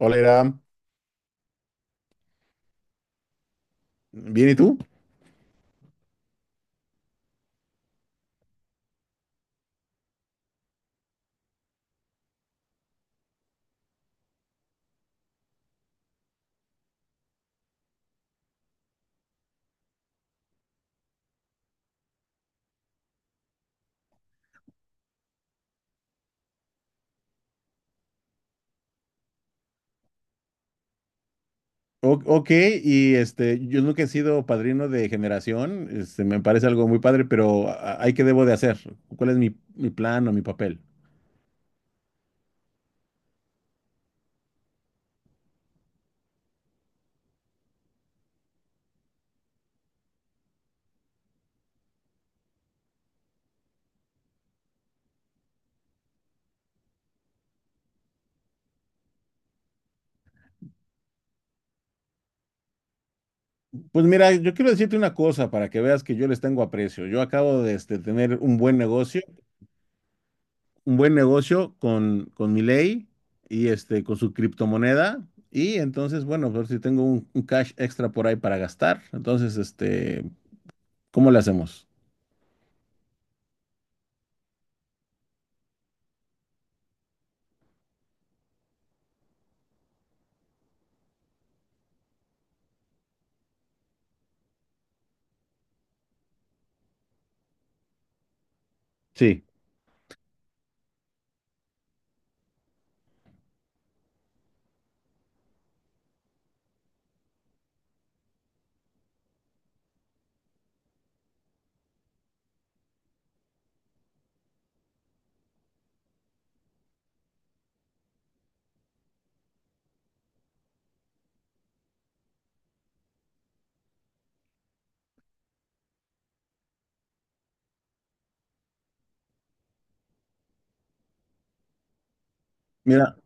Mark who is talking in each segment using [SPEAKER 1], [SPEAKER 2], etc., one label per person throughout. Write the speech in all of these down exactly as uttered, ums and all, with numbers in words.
[SPEAKER 1] Hola, Iram. Bien, ¿y tú? O- ok, y este, yo nunca he sido padrino de generación, este, me parece algo muy padre, pero a- ¿hay qué debo de hacer? ¿Cuál es mi, mi plan o mi papel? Pues mira, yo quiero decirte una cosa para que veas que yo les tengo aprecio. Yo acabo de este, tener un buen negocio, un buen negocio con, con Milei y este, con su criptomoneda. Y entonces, bueno, ver si tengo un, un cash extra por ahí para gastar. Entonces, este, ¿cómo le hacemos? Sí. Mira,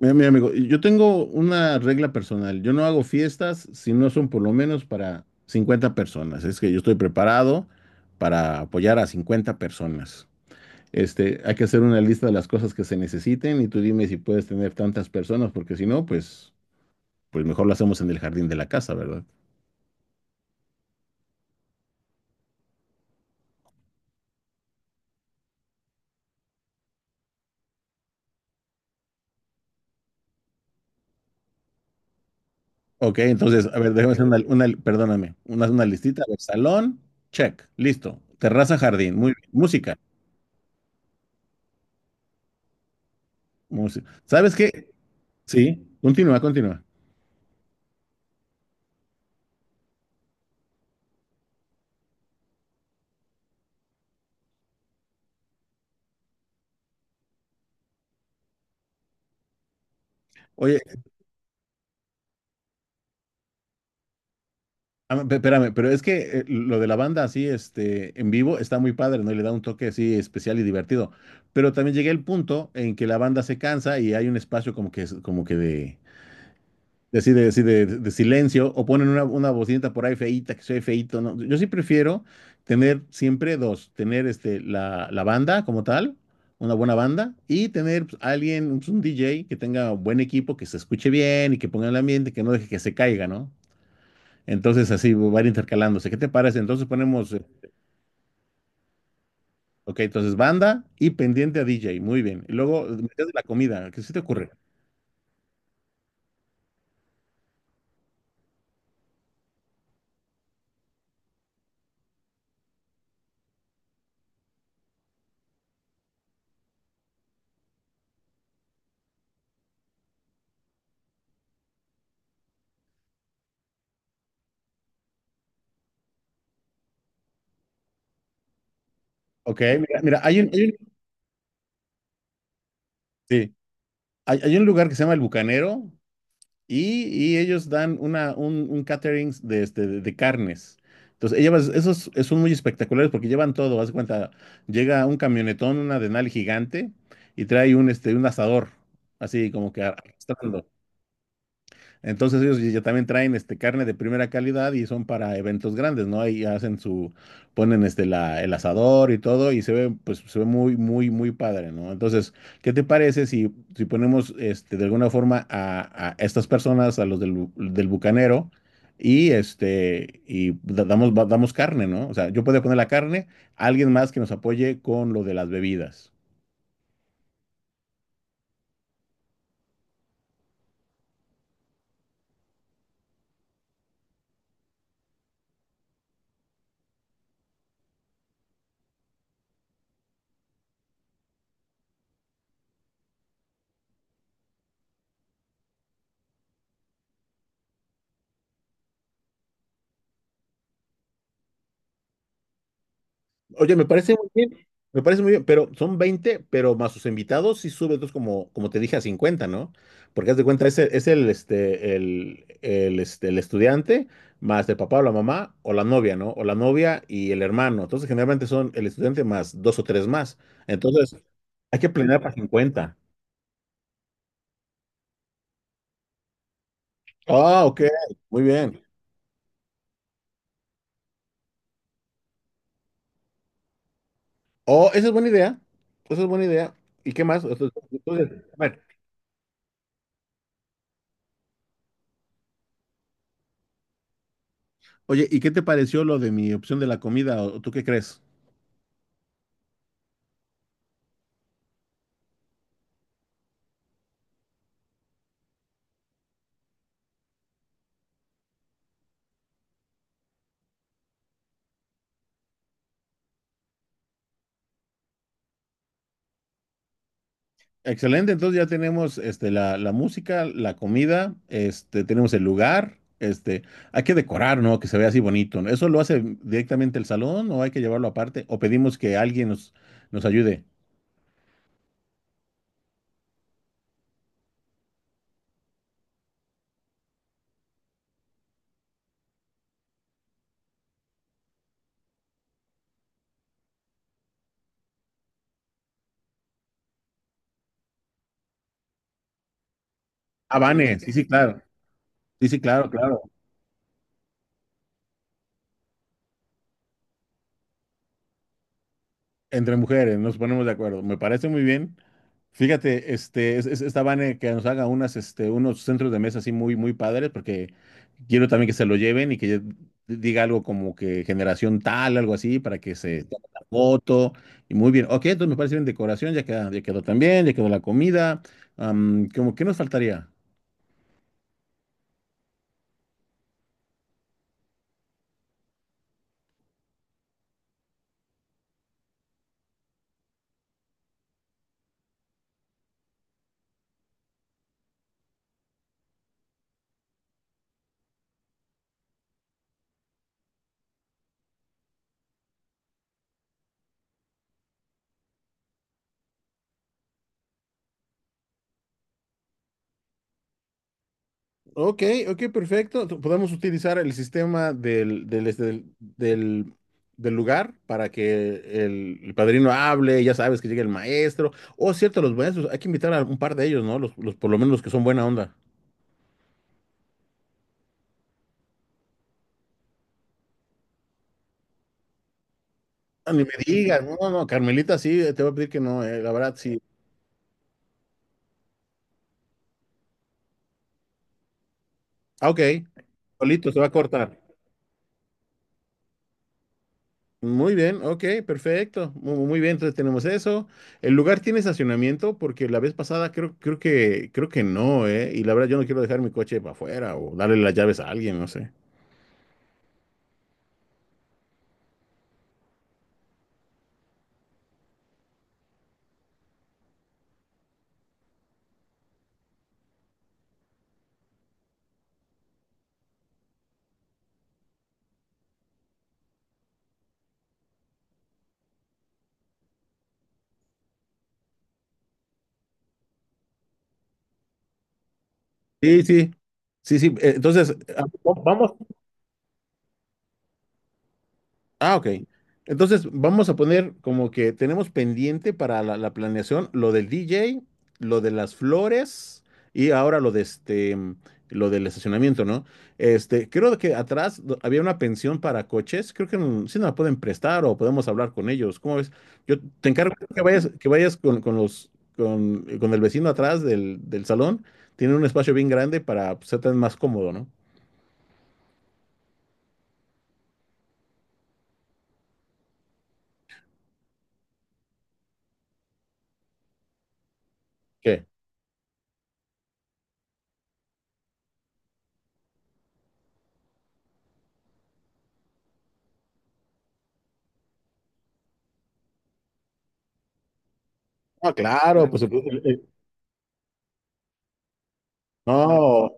[SPEAKER 1] Mira, mi amigo, yo tengo una regla personal. Yo no hago fiestas si no son por lo menos para cincuenta personas. Es que yo estoy preparado para apoyar a cincuenta personas. Este, hay que hacer una lista de las cosas que se necesiten y tú dime si puedes tener tantas personas, porque si no, pues, pues mejor lo hacemos en el jardín de la casa, ¿verdad? Ok, entonces, a ver, déjame hacer una, una- perdóname, una, una listita. A ver, salón, check, listo. Terraza, jardín, muy bien. Música, música. ¿Sabes qué? Sí, continúa, continúa. Oye, Ah, pe- Espérame, pero es que eh, lo de la banda así, este, en vivo está muy padre, ¿no? Y le da un toque así especial y divertido. Pero también llegué al punto en que la banda se cansa y hay un espacio como que, es- como que de, de, así de, así de- de silencio o ponen una, una bocinita por ahí feíta, que soy feíto, ¿no? Yo sí prefiero tener siempre dos, tener este, la, la banda como tal, una buena banda, y tener pues, alguien, un un D J que tenga buen equipo, que se escuche bien y que ponga el ambiente, que no deje que se caiga, ¿no? Entonces así van intercalándose. ¿Qué te parece? Entonces ponemos, eh, ok, entonces banda y pendiente a D J. Muy bien. Y luego eh, metes la comida. ¿Qué se te ocurre? Ok, mira, mira hay, un, hay, un, sí, hay, hay un lugar que se llama El Bucanero y, y ellos dan una, un, un catering de, este, de, de carnes. Entonces, ellas, esos son muy espectaculares porque llevan todo. Haz de cuenta, llega un camionetón, una denal gigante y trae un, este, un asador, así como que arrastrando. Entonces ellos ya también traen este carne de primera calidad y son para eventos grandes, ¿no? Ahí hacen su, ponen este la, el asador y todo y se ve, pues se ve muy, muy, muy padre, ¿no? Entonces, ¿qué te parece si, si ponemos este, de alguna forma a, a estas personas, a los del, bu- del bucanero y este, y da- damos, va- damos carne, ¿no? O sea, yo podría poner la carne, alguien más que nos apoye con lo de las bebidas. Oye, me parece muy bien, me parece muy bien, pero son veinte, pero más sus invitados sí sube entonces como, como te dije a cincuenta, ¿no? Porque haz de cuenta, es el, es el, este, el, el, este, el estudiante más el papá o la mamá o la novia, ¿no? O la novia y el hermano. Entonces generalmente son el estudiante más dos o tres más. Entonces hay que planear para cincuenta. Ah, ok, muy bien. Oh, esa es buena idea, esa es buena idea. ¿Y qué más? Entonces, entonces, a ver, oye, ¿y qué te pareció lo de mi opción de la comida? ¿O tú qué crees? Excelente, entonces ya tenemos este, la, la música, la comida, este, tenemos el lugar, este, hay que decorar, ¿no? Que se vea así bonito, ¿no? ¿Eso lo hace directamente el salón o hay que llevarlo aparte? ¿O pedimos que alguien nos, nos ayude? Ah, no, Vane, sí, sí, claro. Sí, sí, claro, claro. Entre mujeres, nos ponemos de acuerdo. Me parece muy bien. Fíjate, este, es, es- esta Vane que nos haga unas, este, unos centros de mesa así muy, muy padres, porque quiero también que se lo lleven y que ya diga algo como que generación tal, algo así, para que se tome la foto. Y muy bien. Ok, entonces me parece bien decoración, ya queda, ya quedó también, ya quedó la comida. Am, ¿cómo, qué nos faltaría? Ok, ok, perfecto. Tu- Podemos utilizar el sistema del, del, este, del, del- del lugar para que el, el padrino hable, ya sabes que llegue el maestro. O cierto, los maestros, hay que invitar a un par de ellos, ¿no? Los, los por lo menos los que son buena onda. Ah, ni me digas, no, no, no, Carmelita sí, eh, te voy a pedir que no, eh, la verdad sí. Ah, ok, solito se va a cortar. Muy bien, ok, perfecto. Mu- Muy, bien, entonces tenemos eso. ¿El lugar tiene estacionamiento? Porque la vez pasada creo, creo que, creo que no, ¿eh? Y la verdad yo no quiero dejar mi coche para afuera o darle las llaves a alguien, no sé. Sí, sí, sí, sí. eh, Entonces, ah, vamos, ah, ok. Entonces vamos a poner como que tenemos pendiente para la, la planeación lo del D J, lo de las flores y ahora lo de este, lo del estacionamiento, ¿no? Este, creo que atrás do- había una pensión para coches. Creo que mm, sí nos la pueden prestar o podemos hablar con ellos. ¿Cómo ves? Yo te encargo que vayas, que vayas con, con los, con, con el vecino atrás del, del salón. Tiene un espacio bien grande para pues, ser tan más cómodo, ¿no? ¿Qué? Ah, claro, pues el- el- el- no,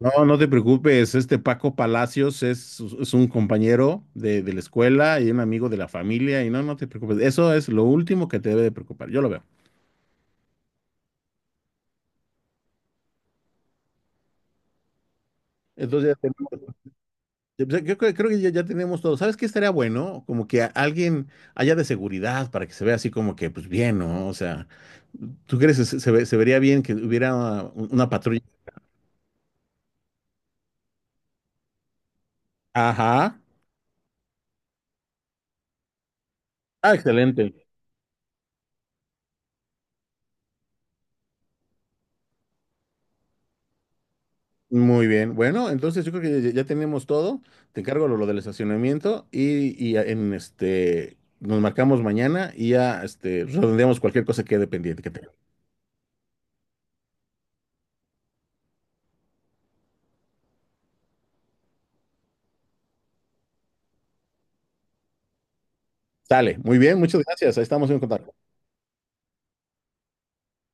[SPEAKER 1] no, no te preocupes, este Paco Palacios es, es un compañero de, de la escuela y un amigo de la familia y no, no te preocupes, eso es lo último que te debe de preocupar, yo lo veo. Entonces ya tenemos- yo creo yo creo que ya, ya tenemos todo. ¿Sabes qué estaría bueno? Como que a- alguien haya de seguridad para que se vea así como que, pues bien, ¿no? O sea, ¿tú crees que se, se ve- se vería bien que hubiera una, una patrulla? Ajá. Ah, excelente. Muy bien. Bueno, entonces yo creo que ya, ya tenemos todo. Te encargo lo, lo del estacionamiento y, y en este nos marcamos mañana y ya este redondeamos cualquier cosa que quede pendiente que tenga. Sale, muy bien, muchas gracias. Ahí estamos en contacto.